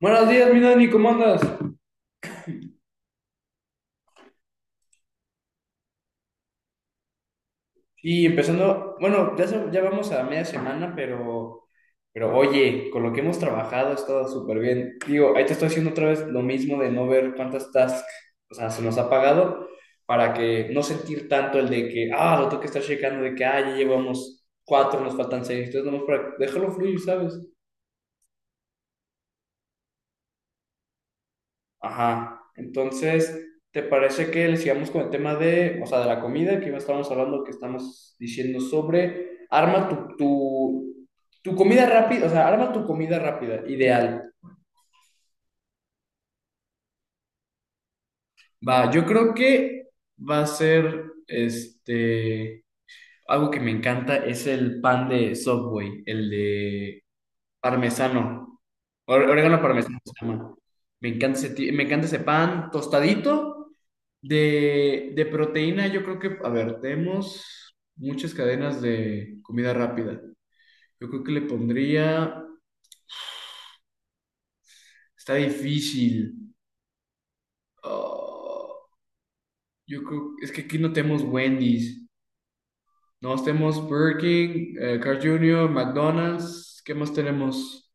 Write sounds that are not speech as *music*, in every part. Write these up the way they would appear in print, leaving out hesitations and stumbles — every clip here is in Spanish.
Buenos días, mi Dani, ¿cómo andas? Y empezando, bueno, ya, ya vamos a media semana, pero, oye, con lo que hemos trabajado ha estado súper bien. Digo, ahí te estoy haciendo otra vez lo mismo de no ver cuántas tasks, o sea, se nos ha pagado para que no sentir tanto el de que, lo tengo que estar checando, de que, ya llevamos cuatro, nos faltan seis, entonces nomás para dejarlo fluir, ¿sabes? Ajá. Entonces, ¿te parece que le sigamos con el tema de, o sea, de la comida que estábamos hablando, que estamos diciendo sobre arma tu comida rápida, o sea, arma tu comida rápida, ideal. Va, yo creo que va a ser algo que me encanta es el pan de Subway, el de parmesano, orégano parmesano se llama. Me encanta ese, me encanta ese pan tostadito. De proteína, yo creo que, a ver, tenemos muchas cadenas de comida rápida. Yo creo que le pondría, está difícil. Ah, yo creo, es que aquí no tenemos Wendy's, no tenemos Burger King, Carl Jr., McDonald's, ¿qué más tenemos?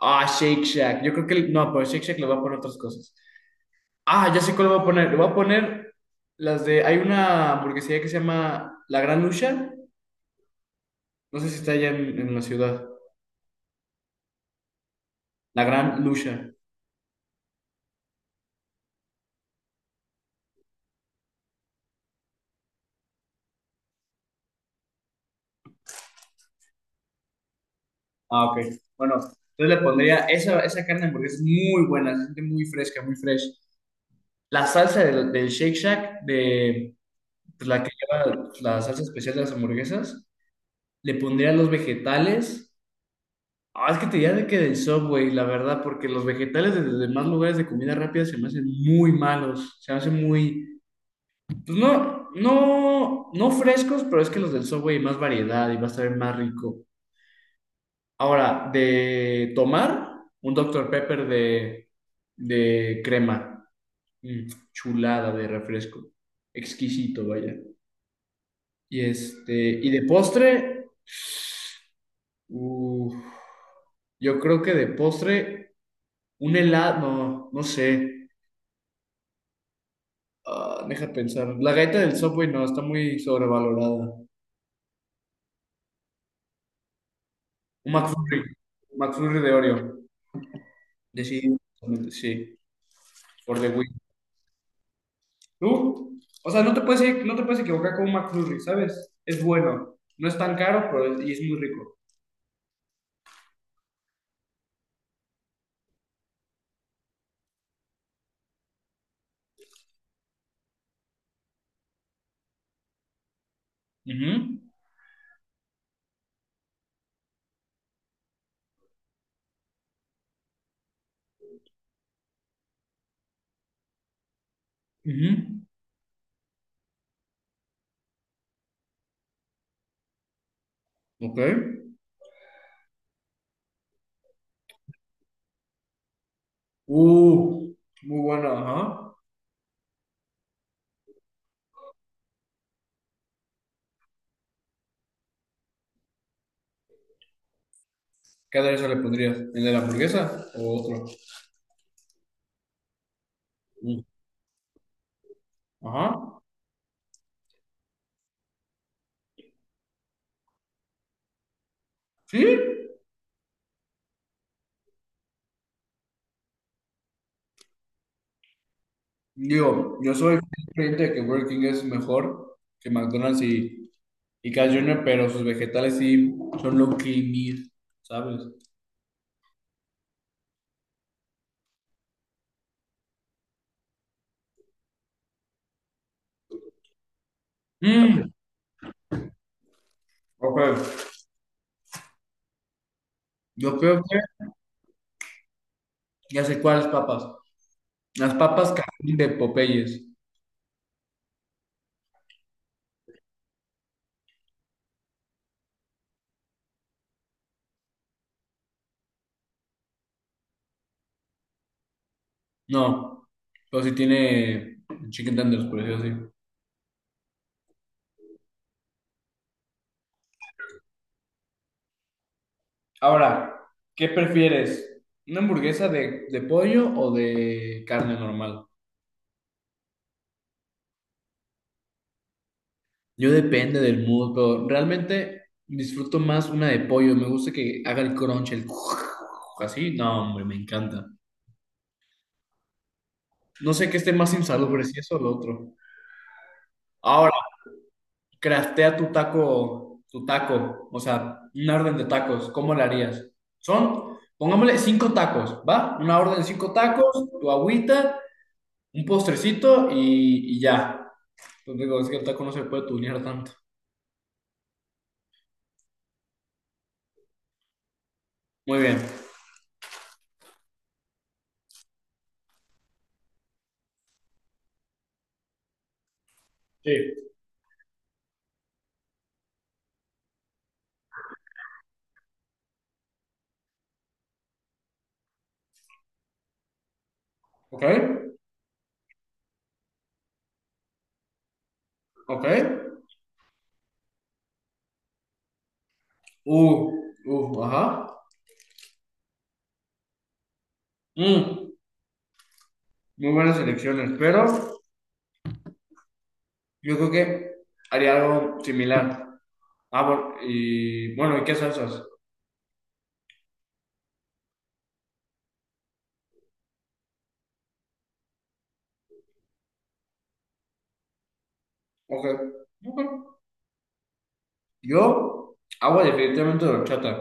Ah, Shake Shack. Yo creo que, no, pero Shake Shack le va a poner otras cosas. Ah, ya sé cuál le voy a poner. Le voy a poner las de, hay una hamburguesería que se llama La Gran Lucha. No sé si está allá en la ciudad. La Gran Lucha. Ah, ok. Bueno, entonces le pondría esa, esa carne de hamburguesa es muy buena, se siente muy fresca, muy fresh. La salsa del, del Shake Shack, de pues, la que lleva la salsa especial de las hamburguesas, le pondría los vegetales. Ah, es que te diría de que del Subway, la verdad, porque los vegetales de los demás lugares de comida rápida se me hacen muy malos, se me hacen muy, pues no, no, no frescos, pero es que los del Subway hay más variedad y va a estar más rico. Ahora, de tomar un Doctor Pepper de crema. Mm, chulada de refresco. Exquisito, vaya. Y este, y de postre, uf, yo creo que de postre, un helado, no, no sé. Ah, deja pensar. La galleta del Subway no, está muy sobrevalorada. Un McFlurry, un McFlurry de Oreo. Decididamente, sí, por The Win. Tú, o sea, no te puedes equivocar con un McFlurry, ¿sabes? Es bueno, no es tan caro, pero es, y es muy rico. Ujú. Ujú. Ok. Uh, muy bueno, ajá. ¿Qué aderezo le pondrías? ¿El de la hamburguesa o otro? Mm. Ajá. ¿Sí? Digo, yo soy creyente de que Burger King es mejor que McDonald's y Carl Jr., pero sus vegetales sí son lo que mir, ¿sabes? Mm, ok. Yo creo que ya sé cuáles papas. Las papas cajil de Popeyes. No, pero sí tiene chicken tenders, por decirlo así. Ahora, ¿qué prefieres? ¿Una hamburguesa de pollo o de carne normal? Yo depende del mood, pero realmente disfruto más una de pollo. Me gusta que haga el crunch, el *laughs* así. No, hombre, me encanta. No sé qué esté más insalubre, si eso o lo otro. Ahora, craftea tu taco, o sea, una orden de tacos, ¿cómo la harías? Son, pongámosle cinco tacos, ¿va? Una orden de cinco tacos, tu agüita, un postrecito y ya. Pues digo, es que el taco no se puede tunear tanto. Muy bien. Sí. Ok, ok. Uh, ajá. Mm, muy buenas elecciones, pero yo creo que haría algo similar. Ah, bueno, y bueno, ¿y qué salsas? Ok, ok. Yo, agua definitivamente de horchata.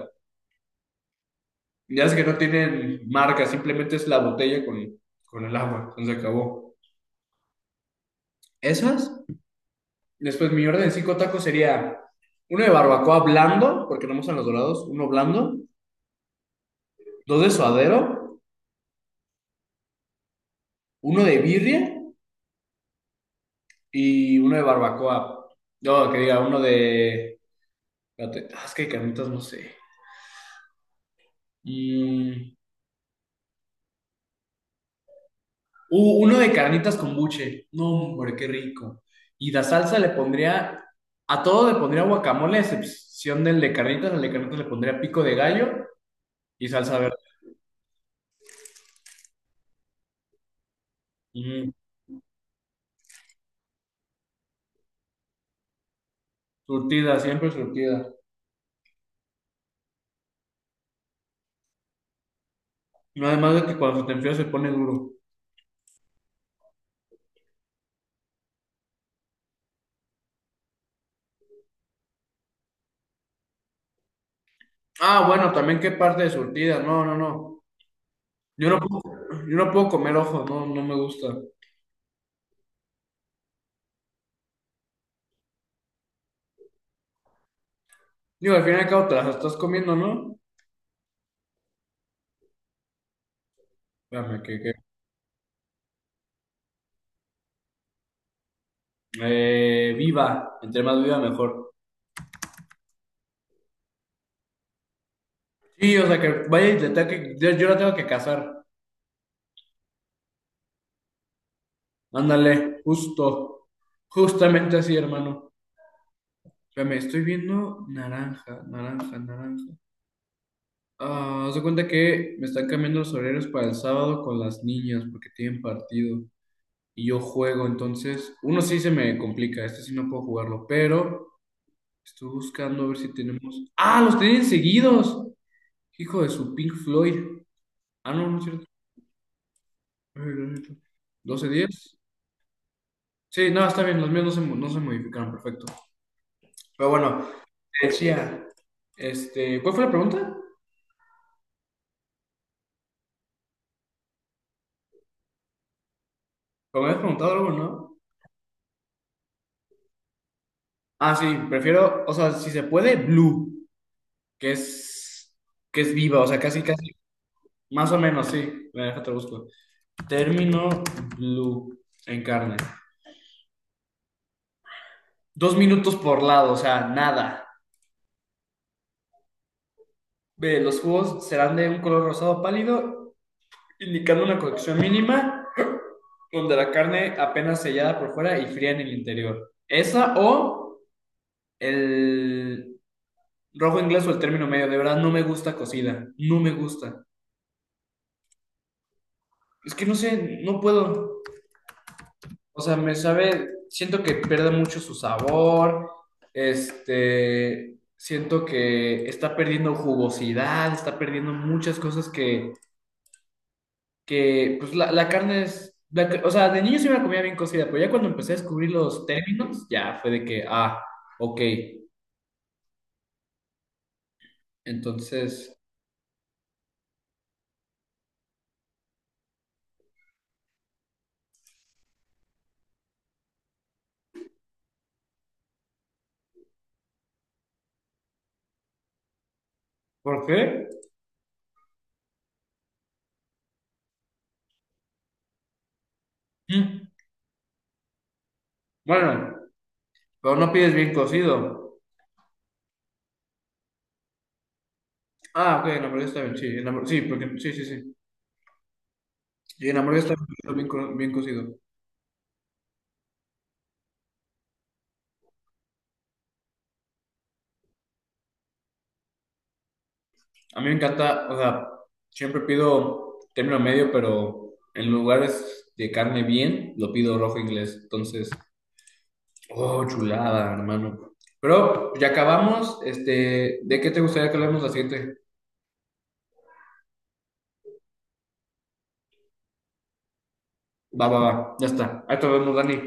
Ya es que no tienen marca, simplemente es la botella con el agua. Entonces se acabó. Esas. Después mi orden de cinco tacos sería uno de barbacoa blando, porque no me gustan los dorados, uno blando, dos de suadero, uno de birria y uno de barbacoa. No, que diga, uno de... espérate, ah, es que hay carnitas, no sé. Mm, uh, uno de carnitas con buche. No, hombre, qué rico. Y la salsa le pondría, a todo le pondría guacamole, a excepción del de carnitas. Al de carnitas le pondría pico de gallo y salsa verde. Mm, surtida, siempre surtida. No, además de que cuando se te enfría se pone duro. Ah, bueno, también qué parte de surtida. No, no, no. Yo no puedo, yo no puedo comer ojos, no, no me gusta. Digo, al fin y al cabo te las estás comiendo, ¿no? Espérame, que- viva, entre más viva mejor. Sí, o sea, que vaya y le tenga que, yo la tengo que casar. Ándale, justo. Justamente así, hermano. Espérame, estoy viendo naranja. Ah, haz de cuenta que me están cambiando los horarios para el sábado con las niñas porque tienen partido y yo juego, entonces uno sí se me complica, este sí no puedo jugarlo, pero estoy buscando a ver si tenemos... ¡Ah, los tienen seguidos! Hijo de su Pink Floyd. Ah, no, no es cierto. Doce 10. Sí, no, está bien, los míos no se, no se modificaron, perfecto. Pero bueno, te decía, este, ¿cuál fue la pregunta? ¿O me habías preguntado algo, no? Ah, sí, prefiero, o sea, si se puede, blue, que es, que es viva, o sea, casi, casi, más o menos, sí. Me deja, te busco. Término blue en carne. Dos minutos por lado, o sea, nada. Ve, los jugos serán de un color rosado pálido, indicando una cocción mínima. Donde la carne apenas sellada por fuera y fría en el interior. Esa o el rojo inglés o el término medio. De verdad, no me gusta cocida. No me gusta. Es que no sé, no puedo. O sea, me sabe, siento que pierde mucho su sabor. Este, siento que está perdiendo jugosidad, está perdiendo muchas cosas que pues la carne es, o sea, de niño sí me la comía bien cocida, pero ya cuando empecé a descubrir los términos, ya fue de que, ah, ok. Entonces, ¿por qué? Mm, bueno, pero no pides bien cocido. Ah, ok, en la hamburguesa está bien, sí, sí, porque, sí, sí, sí. Y en la hamburguesa está bien, bien cocido. A mí me encanta, o sea, siempre pido término medio, pero en lugares de carne bien, lo pido rojo inglés. Entonces, oh, chulada, hermano. Pero ya acabamos, este, ¿de qué te gustaría que hablemos la siguiente? Va, va, va, ya está. Ahí te vemos, Dani.